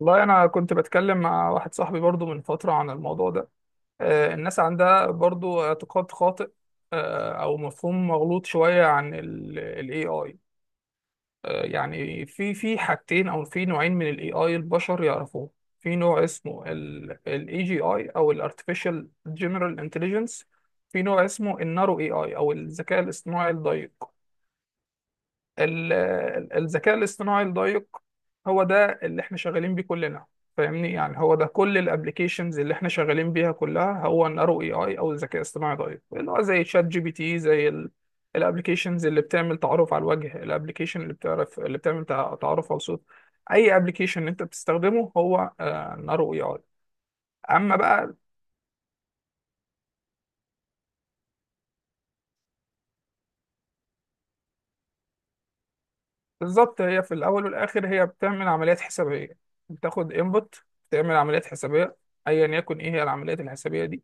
والله أنا كنت بتكلم مع واحد صاحبي برضو من فترة عن الموضوع ده. الناس عندها برضو اعتقاد خاطئ أو مفهوم مغلوط شوية عن ال AI. يعني في حاجتين أو في نوعين من ال AI البشر يعرفوه. في نوع اسمه ال AGI أو ال Artificial General Intelligence. في نوع اسمه ال Narrow AI أو الذكاء الاصطناعي الضيق. الذكاء الاصطناعي الدقيق هو ده اللي احنا شغالين بيه كلنا. فاهمني، يعني هو ده كل الابلكيشنز اللي احنا شغالين بيها كلها، هو النارو اي اي او الذكاء الاصطناعي دقيق، اللي هو زي شات جي بي تي، زي الابلكيشنز اللي بتعمل تعرف على الوجه، الابلكيشن اللي بتعرف اللي بتعمل تعرف على الصوت. اي ابلكيشن انت بتستخدمه هو نارو اي اي. اما بقى بالظبط، هي في الاول والاخر هي بتعمل عمليات حسابيه، بتاخد انبوت، بتعمل عمليات حسابيه ايا يكن ايه هي العمليات الحسابيه دي،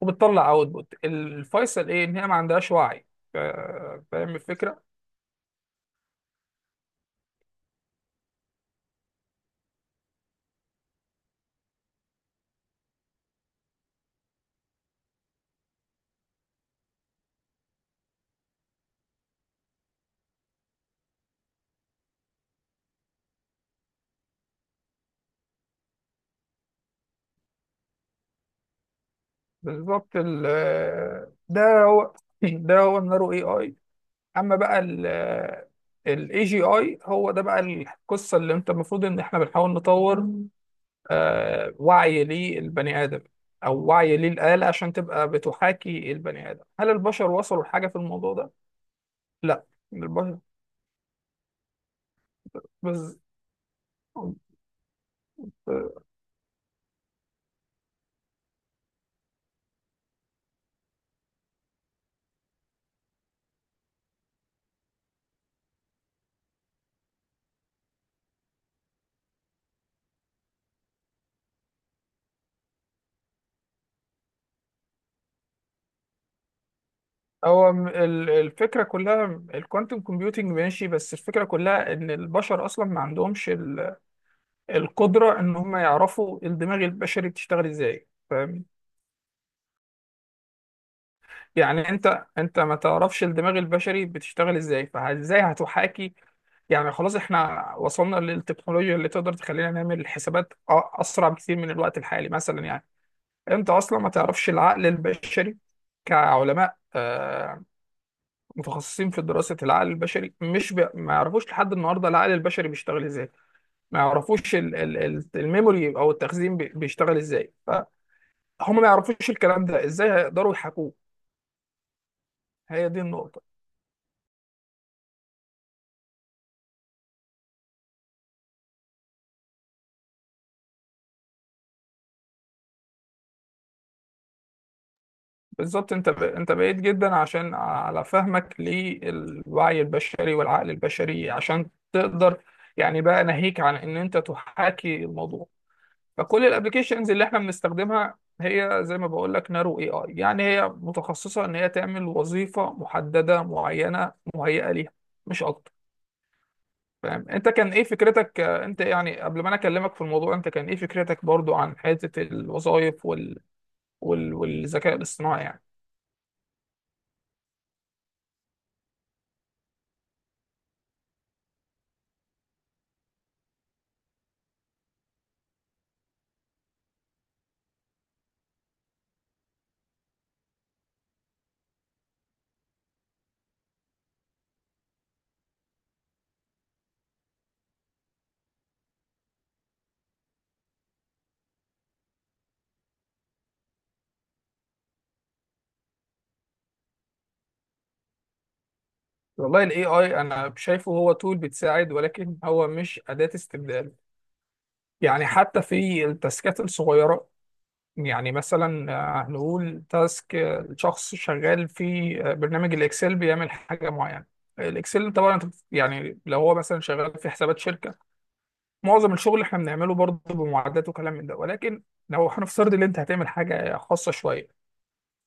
وبتطلع اوتبوت. الفيصل ايه؟ ان هي ما عندهاش وعي. ف- فاهم الفكره؟ بالظبط. ده هو ده هو النارو اي اي. اما بقى الاي جي اي، هو ده بقى القصه اللي انت المفروض ان احنا بنحاول نطور وعي للبني ادم، او وعي للاله عشان تبقى بتحاكي البني ادم. هل البشر وصلوا لحاجه في الموضوع ده؟ لا، البشر بس. هو الفكرة كلها، الكوانتم كومبيوتنج ماشي، بس الفكرة كلها ان البشر اصلا ما عندهمش القدرة ان هم يعرفوا الدماغ البشري بتشتغل ازاي، فاهم؟ يعني انت ما تعرفش الدماغ البشري بتشتغل ازاي، فازاي هتحاكي؟ يعني خلاص احنا وصلنا للتكنولوجيا اللي تقدر تخلينا نعمل الحسابات اسرع بكثير من الوقت الحالي مثلا، يعني انت اصلا ما تعرفش العقل البشري. كعلماء متخصصين في دراسة العقل البشري، مش ب... ما يعرفوش لحد النهاردة العقل البشري بيشتغل ازاي. ما يعرفوش الميموري او التخزين بيشتغل ازاي، فهم ما يعرفوش الكلام ده ازاي هيقدروا يحاكوه. هي دي النقطة. بالظبط، انت بعيد جدا عشان على فهمك للوعي البشري والعقل البشري عشان تقدر، يعني بقى ناهيك عن ان انت تحاكي الموضوع. فكل الابلكيشنز اللي احنا بنستخدمها هي زي ما بقول لك نارو اي اي، يعني هي متخصصه ان هي تعمل وظيفه محدده معينه مهيئه ليها، مش اكتر. فاهم؟ انت كان ايه فكرتك انت يعني قبل ما انا اكلمك في الموضوع، انت كان ايه فكرتك برضو عن حته الوظائف والذكاء الاصطناعي يعني؟ والله الاي اي انا شايفه هو تول بتساعد، ولكن هو مش اداه استبدال. يعني حتى في التاسكات الصغيره، يعني مثلا هنقول تاسك، شخص شغال في برنامج الاكسل، بيعمل حاجه معينه. الاكسل طبعا يعني لو هو مثلا شغال في حسابات شركه، معظم الشغل اللي احنا بنعمله برضه بمعدات وكلام من ده، ولكن لو هنفترض ان انت هتعمل حاجه خاصه شويه،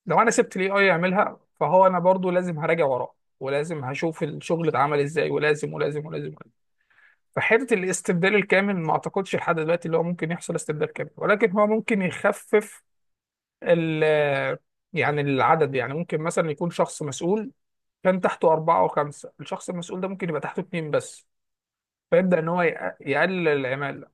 لو انا سبت الاي اي يعملها، فهو انا برضه لازم هراجع وراه، ولازم هشوف الشغل اتعمل ازاي، ولازم ولازم ولازم ولازم. فحته الاستبدال الكامل ما اعتقدش لحد دلوقتي اللي هو ممكن يحصل استبدال كامل، ولكن هو ممكن يخفف ال- يعني العدد. يعني ممكن مثلا يكون شخص مسؤول كان تحته أربعة أو خمسة، الشخص المسؤول ده ممكن يبقى تحته اتنين بس. فيبدأ إن هو يقلل العمالة.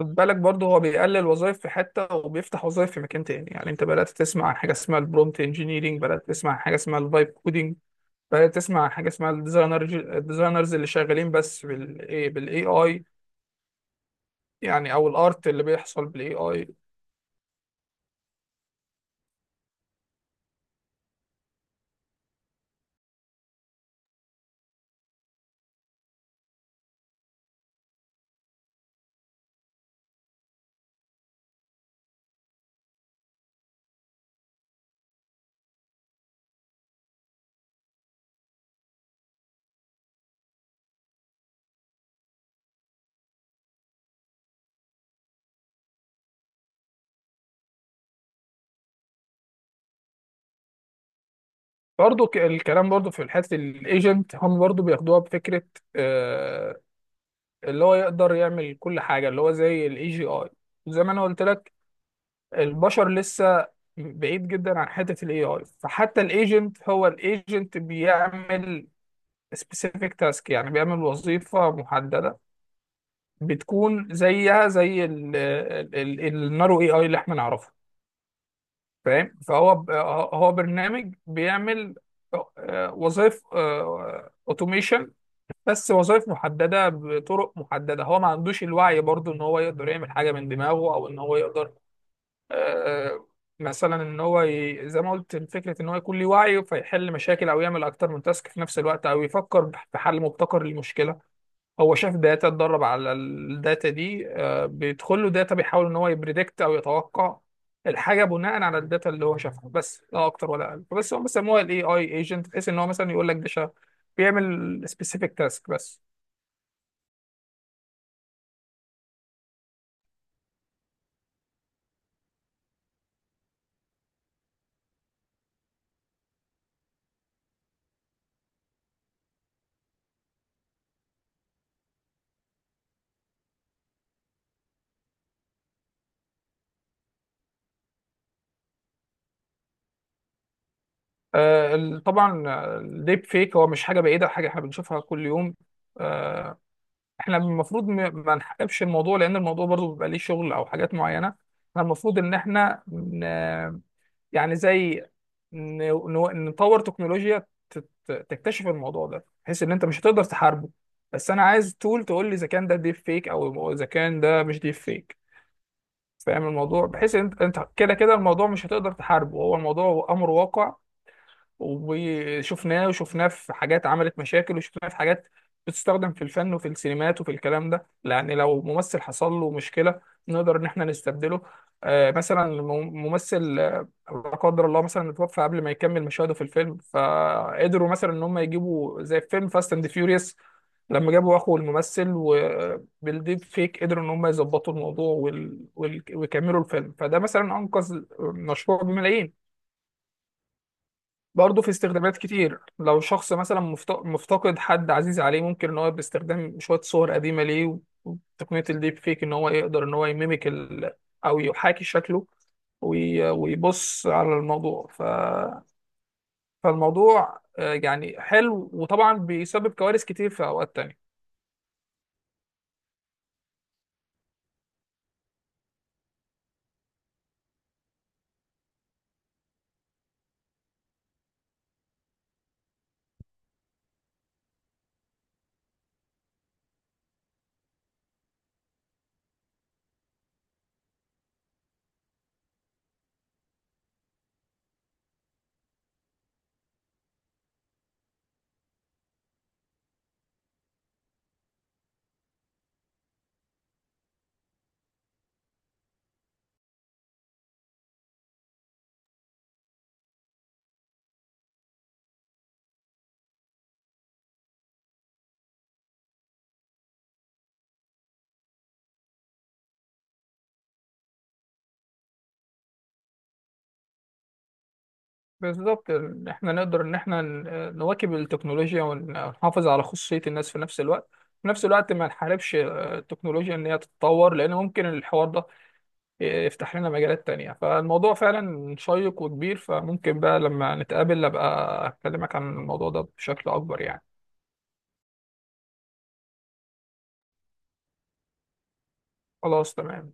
خد بالك برضه هو بيقلل وظائف في حتة، وبيفتح وظائف في مكان تاني. يعني أنت بدأت تسمع عن حاجة اسمها البرومت انجينيرينج، بدأت تسمع عن حاجة اسمها الفايب كودينج، بدأت تسمع عن حاجة اسمها الديزاينر، الديزاينرز اللي شغالين بس بالاي اي، يعني او الارت اللي بيحصل بالاي اي. برضه الكلام برضه في حته الايجنت، هم برضه بياخدوها بفكره آه، اللي هو يقدر يعمل كل حاجة، اللي هو زي الاي جي اي. زي ما انا قلت لك، البشر لسه بعيد جدا عن حتة الاي اي. فحتى الايجنت، هو الايجنت بيعمل سبيسيفيك تاسك، يعني بيعمل وظيفة محددة، بتكون زيها زي النارو اي اي اللي احنا نعرفه. فاهم؟ هو برنامج بيعمل وظائف اوتوميشن، بس وظائف محددة بطرق محددة. هو ما عندوش الوعي برضو ان هو يقدر يعمل حاجة من دماغه، او ان هو يقدر آه مثلا ان زي ما قلت، فكرة ان هو يكون ليه وعي فيحل مشاكل، او يعمل اكتر من تاسك في نفس الوقت، او يفكر في حل مبتكر للمشكلة. هو شاف داتا، اتدرب على الداتا دي، آه، بيدخل له داتا، بيحاول ان هو يبريدكت او يتوقع الحاجة بناء على الداتا اللي هو شافها، بس لا اكتر ولا اقل. بس هو بيسموها الاي اي ايجنت، بحيث ان هو مثلا يقول لك ده بيعمل سبيسيفيك تاسك بس. طبعا الديب فيك هو مش حاجه بعيده، حاجه احنا بنشوفها كل يوم. آه، احنا المفروض ما نحققش الموضوع، لان الموضوع برضو بيبقى ليه شغل او حاجات معينه. احنا المفروض ان احنا ن- يعني زي ن- ن- نطور تكنولوجيا تكتشف الموضوع ده، بحيث ان انت مش هتقدر تحاربه. بس انا عايز تول تقول لي اذا كان ده ديب فيك او اذا كان ده مش ديب فيك. فاهم الموضوع؟ بحيث ان انت كده كده الموضوع مش هتقدر تحاربه، هو الموضوع امر واقع. وشفناه في حاجات عملت مشاكل، وشفناه في حاجات بتستخدم في الفن وفي السينمات وفي الكلام ده. يعني لو ممثل حصل له مشكلة، نقدر ان احنا نستبدله. مثلا ممثل، لا قدر الله، مثلا اتوفى قبل ما يكمل مشاهده في الفيلم، فقدروا مثلا ان هم يجيبوا، زي في فيلم فاست اند فيوريوس لما جابوا اخو الممثل وبالديب فيك قدروا ان هم يظبطوا الموضوع ويكملوا الفيلم، فده مثلا انقذ مشروع بملايين. برضه في استخدامات كتير، لو شخص مثلا مفتقد حد عزيز عليه، ممكن ان هو باستخدام شوية صور قديمة ليه وتقنية الديب فيك ان هو يقدر ان هو يميمك او يحاكي شكله ويبص على الموضوع. فالموضوع يعني حلو، وطبعا بيسبب كوارث كتير في اوقات تانية. بالظبط، إن احنا نقدر ان احنا نواكب التكنولوجيا ونحافظ على خصوصية الناس في نفس الوقت. في نفس الوقت ما نحاربش التكنولوجيا ان هي تتطور، لان ممكن الحوار ده يفتح لنا مجالات تانية. فالموضوع فعلا شيق وكبير، فممكن بقى لما نتقابل أبقى أكلمك عن الموضوع ده بشكل أكبر يعني. خلاص، تمام.